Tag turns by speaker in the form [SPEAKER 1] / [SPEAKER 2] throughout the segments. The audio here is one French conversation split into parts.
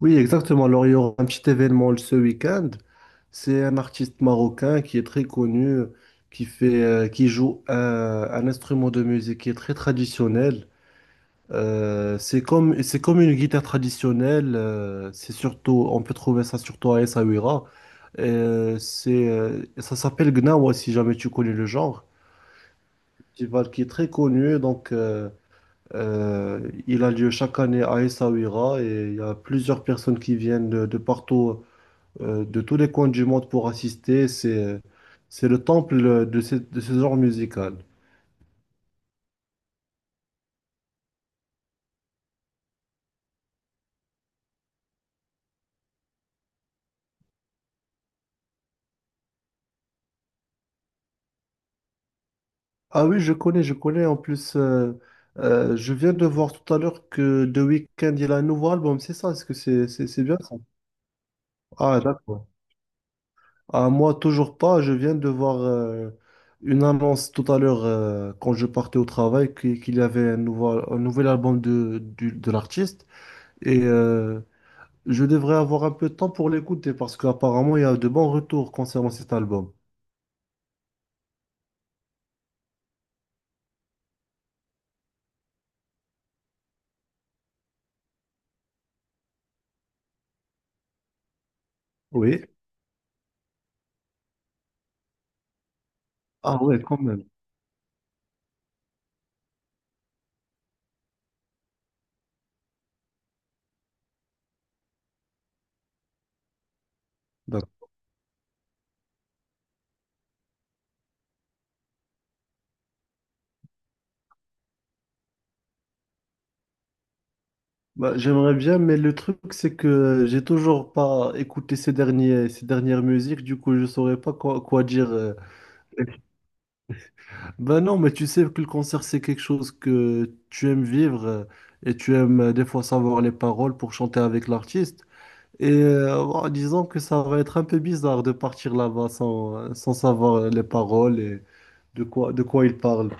[SPEAKER 1] Oui, exactement. Alors, il y aura un petit événement ce week-end. C'est un artiste marocain qui est très connu, qui fait, qui joue un instrument de musique qui est très traditionnel. C'est comme une guitare traditionnelle. C'est surtout, on peut trouver ça surtout à Essaouira. Ça s'appelle Gnawa, si jamais tu connais le genre. Festival qui est très connu. Donc, il a lieu chaque année à Essaouira et il y a plusieurs personnes qui viennent de partout, de tous les coins du monde pour assister. C'est le temple de ce genre musical. Ah oui, je connais, je connais. En plus, je viens de voir tout à l'heure que The Weeknd, il a un nouveau album. C'est ça, est-ce que c'est bien ça? Ah, d'accord. Ah, moi, toujours pas. Je viens de voir une annonce tout à l'heure quand je partais au travail qu'il y avait un nouvel album de l'artiste. Et je devrais avoir un peu de temps pour l'écouter parce qu'apparemment, il y a de bons retours concernant cet album. Oui. Ah ouais, quand même. D'accord. Bah, j'aimerais bien, mais le truc, c'est que j'ai toujours pas écouté ces dernières musiques, du coup, je saurais pas quoi dire. Ben non, mais tu sais que le concert, c'est quelque chose que tu aimes vivre, et tu aimes, des fois savoir les paroles pour chanter avec l'artiste. Et, en disant que ça va être un peu bizarre de partir là-bas sans savoir les paroles et de quoi ils parlent.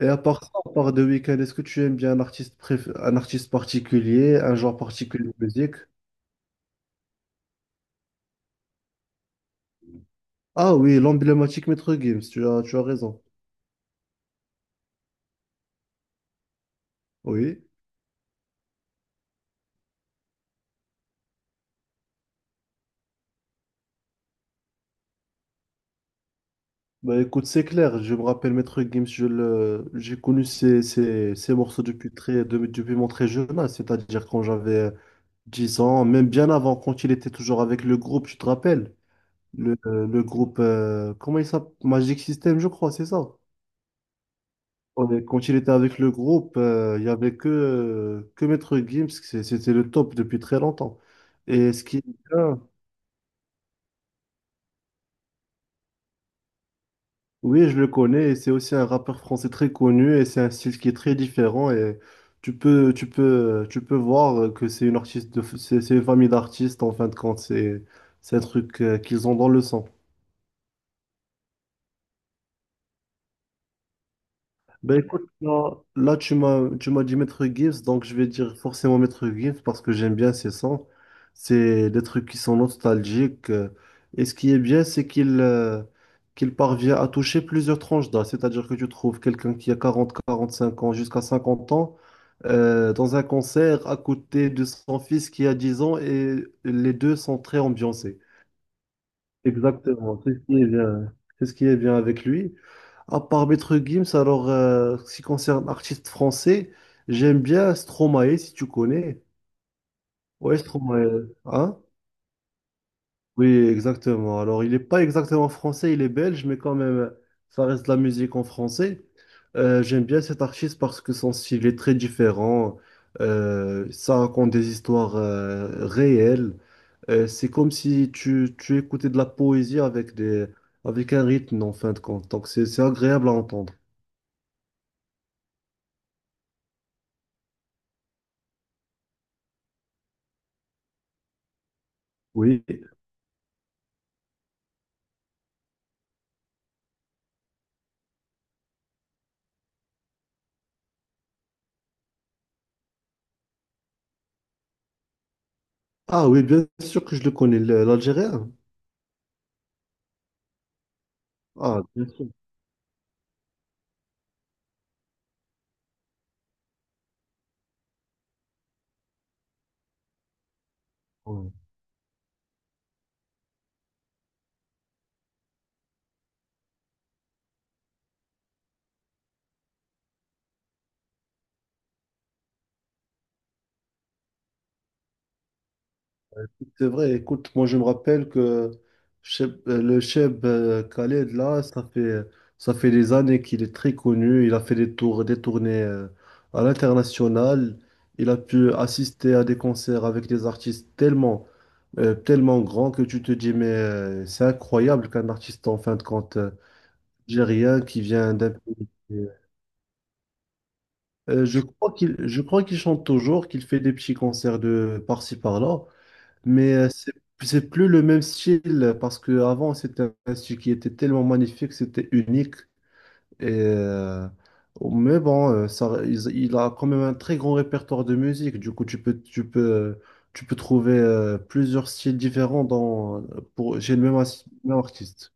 [SPEAKER 1] Et à part ça, à part The Weeknd, est-ce que tu aimes bien un artiste particulier, un genre particulier de musique? Ah oui, l'emblématique Maître Gims, tu as raison. Oui. Bah écoute, c'est clair, je me rappelle Maître Gims, j'ai connu ses morceaux depuis mon très jeune âge, c'est-à-dire quand j'avais 10 ans, même bien avant, quand il était toujours avec le groupe, tu te rappelles? le, le groupe, comment il s'appelle? Magic System, je crois, c'est ça. Quand il était avec le groupe, il n'y avait que Maître Gims, c'était le top depuis très longtemps. Et ce qui est bien, oui, je le connais, et c'est aussi un rappeur français très connu, et c'est un style qui est très différent, et tu peux voir que c'est c'est une famille d'artistes, en fin de compte, c'est un truc, qu'ils ont dans le sang. Ben écoute, là, là, tu m'as dit Maître Gibbs, donc je vais dire forcément Maître Gibbs parce que j'aime bien ses sons. C'est des trucs qui sont nostalgiques. Et ce qui est bien, c'est qu'il parvient à toucher plusieurs tranches d'âge. C'est-à-dire que tu trouves quelqu'un qui a 45 ans jusqu'à 50 ans, dans un concert à côté de son fils qui a 10 ans et les deux sont très ambiancés. Exactement, c'est ce qui est bien, c'est ce qui est bien avec lui. À part Maître Gims, alors, ce qui concerne artiste français, j'aime bien Stromae, si tu connais. Ouais, Stromae, hein? Oui, exactement. Alors, il n'est pas exactement français, il est belge, mais quand même, ça reste de la musique en français. J'aime bien cet artiste parce que son style est très différent. Ça raconte des histoires, réelles. C'est comme si tu écoutais de la poésie avec un rythme en fin de compte. Donc c'est agréable à entendre. Oui. Ah oui, bien sûr que je le connais, l'Algérien. Ah, bien sûr. Ouais. C'est vrai, écoute, moi je me rappelle que le Cheb, Khaled, là, ça fait des années qu'il est très connu. Il a fait des tournées, à l'international. Il a pu assister à des concerts avec des artistes tellement grands que tu te dis, mais, c'est incroyable qu'un artiste, en fin de compte, algérien qui vient d'un pays. Je crois qu'il chante toujours, qu'il fait des petits concerts de par-ci par-là. Mais, c'est plus le même style, parce que avant c'était un style qui était tellement magnifique, c'était unique. Et, euh, mais bon, il a quand même un très grand répertoire de musique. Du coup, tu peux trouver, plusieurs styles différents chez le même, même artiste.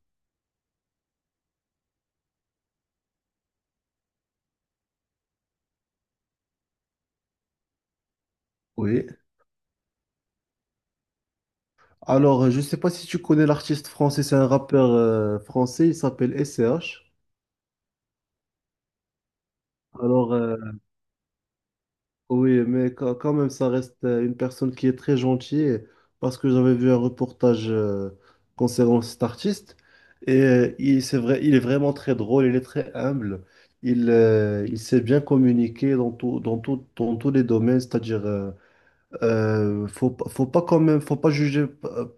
[SPEAKER 1] Oui. Alors, je ne sais pas si tu connais l'artiste français, c'est un rappeur, français, il s'appelle SCH. Alors, oui, mais quand même, ça reste, une personne qui est très gentille, parce que j'avais vu un reportage, concernant cet artiste et c'est vrai, il est vraiment très drôle, il est très humble, il sait bien communiquer dans tout, dans tous les domaines, c'est-à-dire, faut pas quand même, faut pas juger,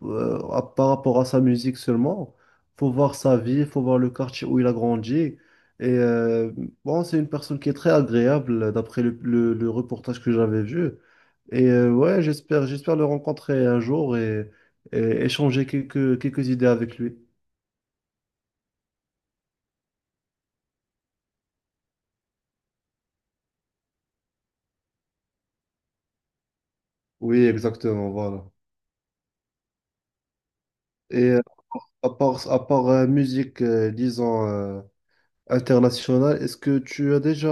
[SPEAKER 1] par rapport à sa musique seulement. Faut voir sa vie, faut voir le quartier où il a grandi. Et, bon, c'est une personne qui est très agréable d'après le reportage que j'avais vu. Et, ouais, j'espère le rencontrer un jour et, échanger quelques idées avec lui. Oui, exactement, voilà. Et, à part, musique, disons. International. Est-ce que tu as déjà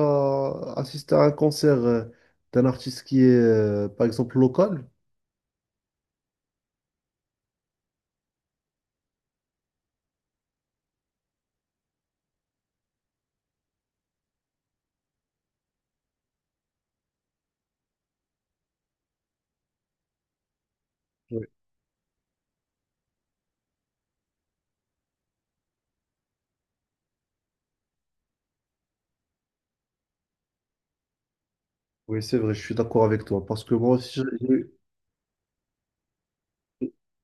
[SPEAKER 1] assisté à un concert, d'un artiste qui est, par exemple, local? Oui, oui, c'est vrai, je suis d'accord avec toi. Parce que moi aussi, j'ai eu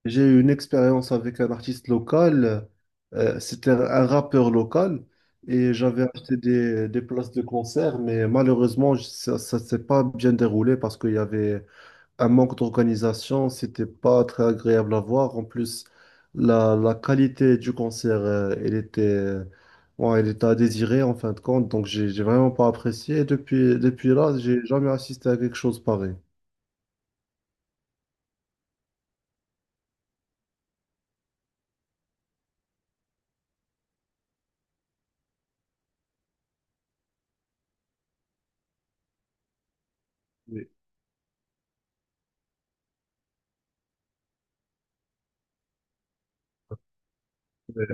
[SPEAKER 1] j'ai eu une expérience avec un artiste local. C'était un rappeur local. Et j'avais acheté des places de concert, mais malheureusement, ça ne s'est pas bien déroulé parce qu'il y avait un manque d'organisation, c'était pas très agréable à voir. En plus, la qualité du concert, ouais, elle était à désirer en fin de compte, donc j'ai vraiment pas apprécié. Et depuis là, j'ai jamais assisté à quelque chose pareil. Oui, oui,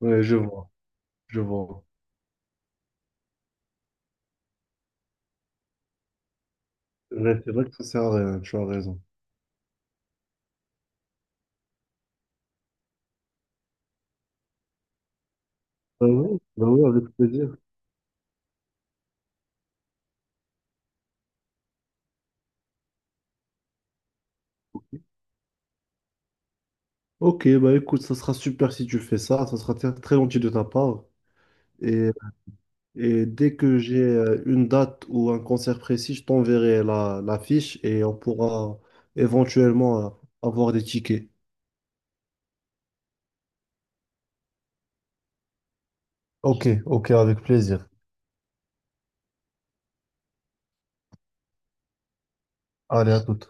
[SPEAKER 1] oui, je vois, je vois. Ouais, c'est vrai que ça sert à rien, tu as raison. Bah oui, avec plaisir. Ok, bah écoute, ça sera super si tu fais ça, ça sera très très gentil de ta part. Et Et dès que j'ai, une date ou un concert précis, je t'enverrai la fiche et on pourra éventuellement, avoir des tickets. Ok, ok, avec plaisir. Allez, à toute.